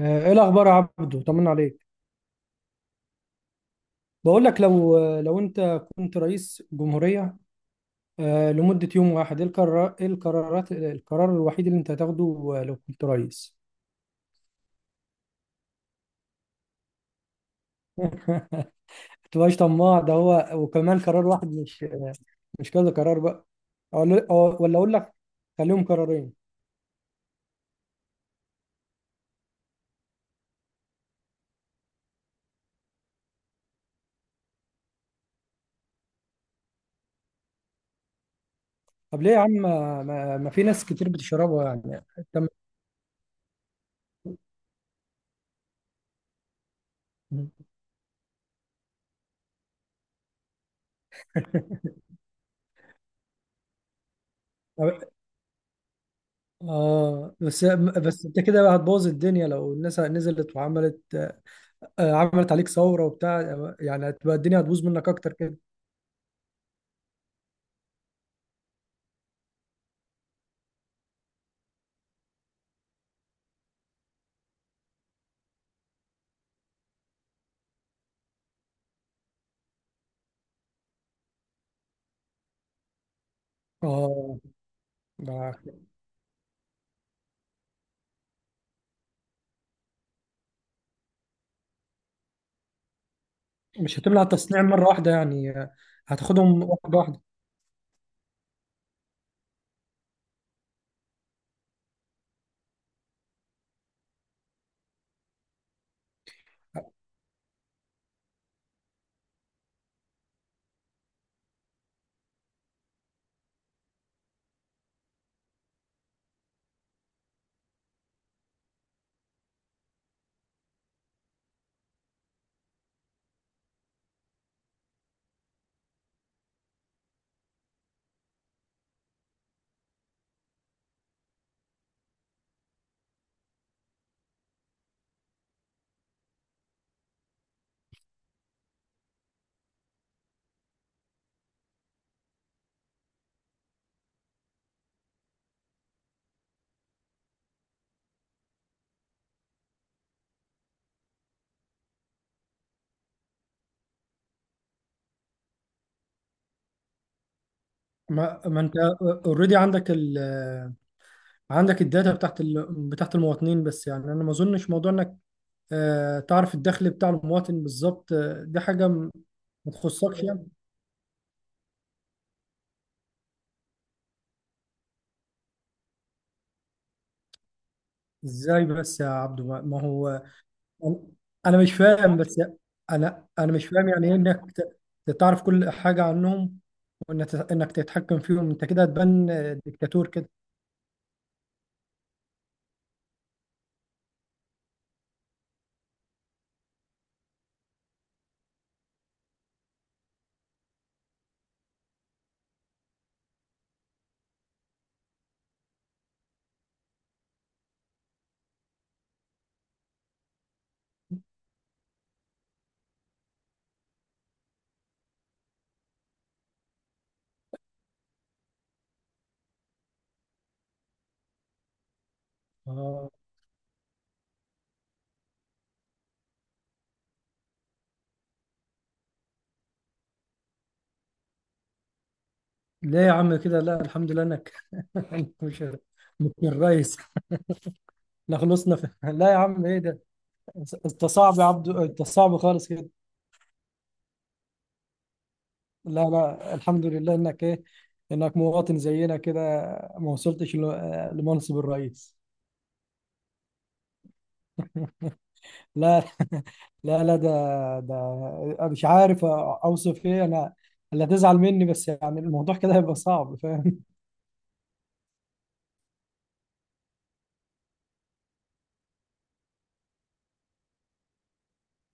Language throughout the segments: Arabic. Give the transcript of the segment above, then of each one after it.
ايه الاخبار يا عبدو؟ طمنا عليك. بقول لك لو لو انت كنت رئيس جمهورية لمدة يوم واحد، ايه القرار ايه القرارات القرار الوحيد اللي انت هتاخده؟ لو كنت رئيس. ما تبقاش طماع، ده هو وكمان قرار واحد، مش كذا قرار بقى. ولا اقول لك، خليهم قرارين. طب ليه يا عم؟ ما في ناس كتير بتشربها يعني. طب. اه بس. بس انت كده بقى هتبوظ الدنيا لو الناس نزلت وعملت عملت عليك ثورة وبتاع، يعني هتبقى الدنيا، هتبوظ منك اكتر كده. اه. ده مش هتمنع التصنيع مرة واحدة يعني، هتاخدهم واحدة واحدة؟ ما انت اوريدي عندك ال آه، عندك الداتا بتاعت بتاعت المواطنين، بس يعني انا ما اظنش موضوع انك تعرف الدخل بتاع المواطن بالظبط. دي حاجة ما تخصكش يعني. ازاي بس يا عبدو؟ ما هو انا أنا مش فاهم، بس انا مش فاهم يعني ايه انك تعرف كل حاجه عنهم، وانك تتحكم فيهم، انت كده هتبان ديكتاتور كده. آه. ليه يا عم كده؟ لا، الحمد لله انك إنك مش الرئيس. لا، خلصنا لا يا عم، ايه ده؟ انت صعب يا عبدو، انت صعب خالص كده. لا لا، الحمد لله انك ايه، انك مواطن زينا كده، ما وصلتش لمنصب الرئيس. لا. لا لا، ده ده مش عارف اوصف ايه انا اللي هتزعل مني، بس يعني الموضوع كده هيبقى صعب، فاهم؟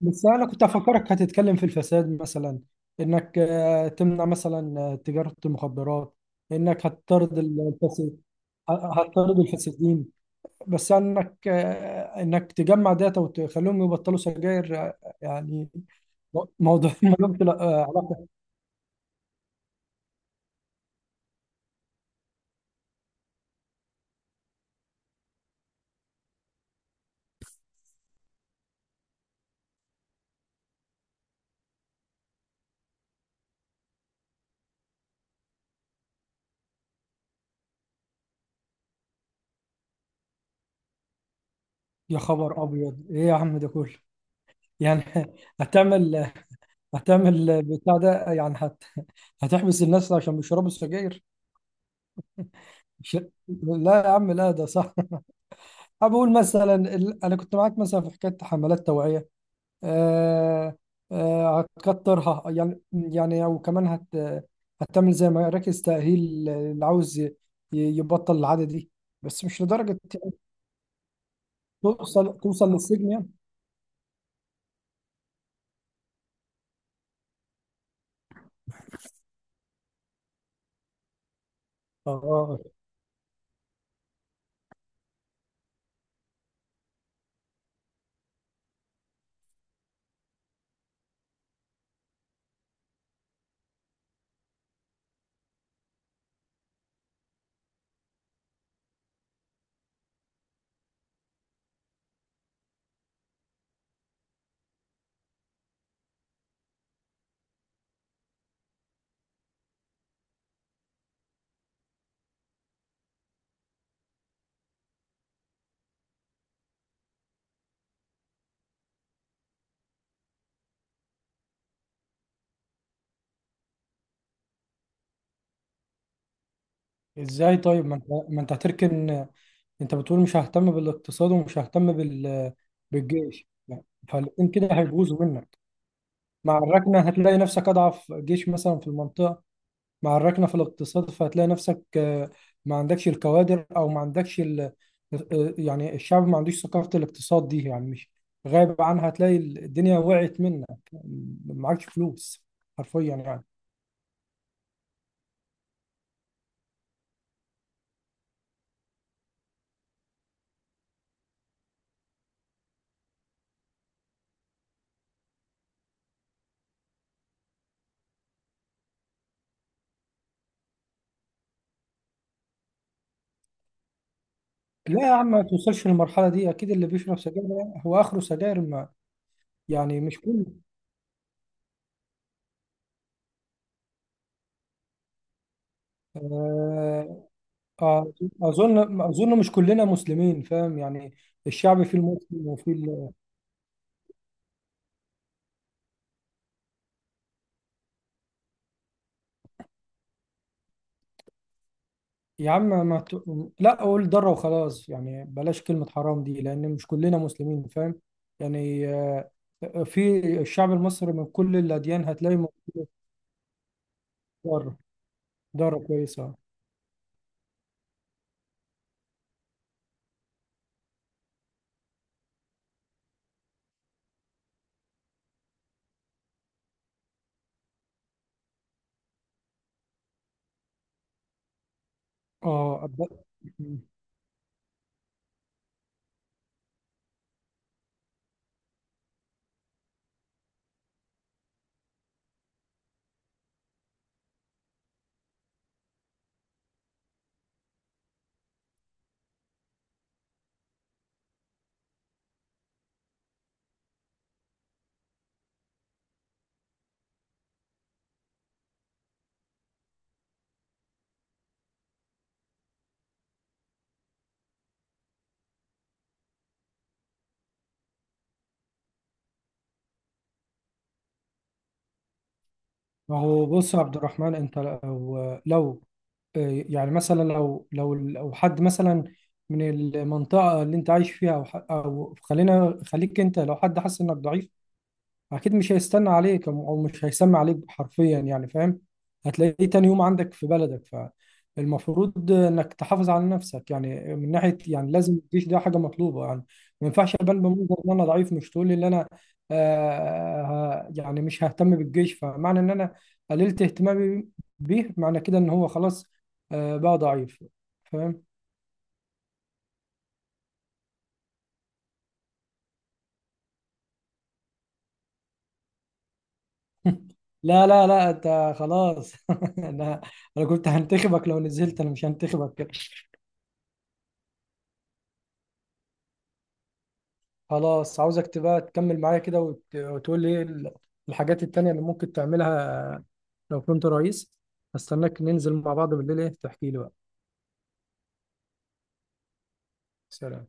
بس انا كنت افكرك هتتكلم في الفساد مثلا، انك تمنع مثلا تجارة المخدرات، انك هتطرد الفاسد، هتطرد الفاسدين. بس انك تجمع داتا وتخليهم يبطلوا سجاير يعني. موضوع ملوش علاقة. يا خبر ابيض، ايه يا عم ده كله؟ يعني هتعمل هتعمل بتاع ده، يعني هتحبس الناس عشان بيشربوا السجاير؟ مش... لا يا عم، لا ده صح. أنا بقول مثلا انا كنت معاك مثلا في حكايه حملات توعيه، آه... هتكترها يعني، او كمان هتعمل زي مراكز تاهيل اللي عاوز يبطل العاده دي، بس مش لدرجه يعني توصل للسجن يعني. اه. ازاي طيب؟ ما انت هتركن، انت بتقول مش ههتم بالاقتصاد ومش ههتم بالجيش. لا، فالاتنين كده هيبوظوا منك، مع الركنه هتلاقي نفسك اضعف جيش مثلا في المنطقه، مع الركنه في الاقتصاد فهتلاقي نفسك ما عندكش الكوادر او ما عندكش ال... آه، آه، يعني الشعب ما عندوش ثقافه الاقتصاد دي، يعني مش غايب عنها، هتلاقي الدنيا وقعت منك، ما معكش فلوس، حرفيا يعني. لا يا عم، ما توصلش للمرحله دي، اكيد اللي بيشرب سجاير هو اخره سجاير، ما يعني مش كله. آه، اظن مش كلنا مسلمين، فاهم يعني، الشعب فيه المسلم وفيه يا عم، ما ت... لا اقول ضره وخلاص يعني، بلاش كلمه حرام دي لان مش كلنا مسلمين، فاهم يعني في الشعب المصري من كل الاديان هتلاقي. ضاره. ضاره كويسه. اه، ما هو بص يا عبد الرحمن، انت لو، لو، يعني مثلا لو حد مثلا من المنطقه اللي انت عايش فيها او أو خليك انت، لو حد حس انك ضعيف، اكيد مش هيستنى عليك او مش هيسمع عليك، حرفيا يعني، فاهم؟ هتلاقيه تاني يوم عندك في بلدك. فالمفروض انك تحافظ على نفسك يعني من ناحيه، يعني لازم الجيش ده حاجه مطلوبه يعني، ما ينفعش ابان بمنظر ان انا ضعيف، مش تقول لي ان انا يعني مش ههتم بالجيش. فمعنى ان انا قللت اهتمامي بيه، معنى كده ان هو خلاص بقى ضعيف، فاهم؟ لا لا لا، انت خلاص. انا انا كنت هنتخبك، لو نزلت انا مش هنتخبك. خلاص، عاوزك تبقى تكمل معايا كده وتقول لي ايه الحاجات التانية اللي ممكن تعملها لو كنت رئيس. هستناك ننزل مع بعض بالليل، ايه تحكي لي بقى. سلام.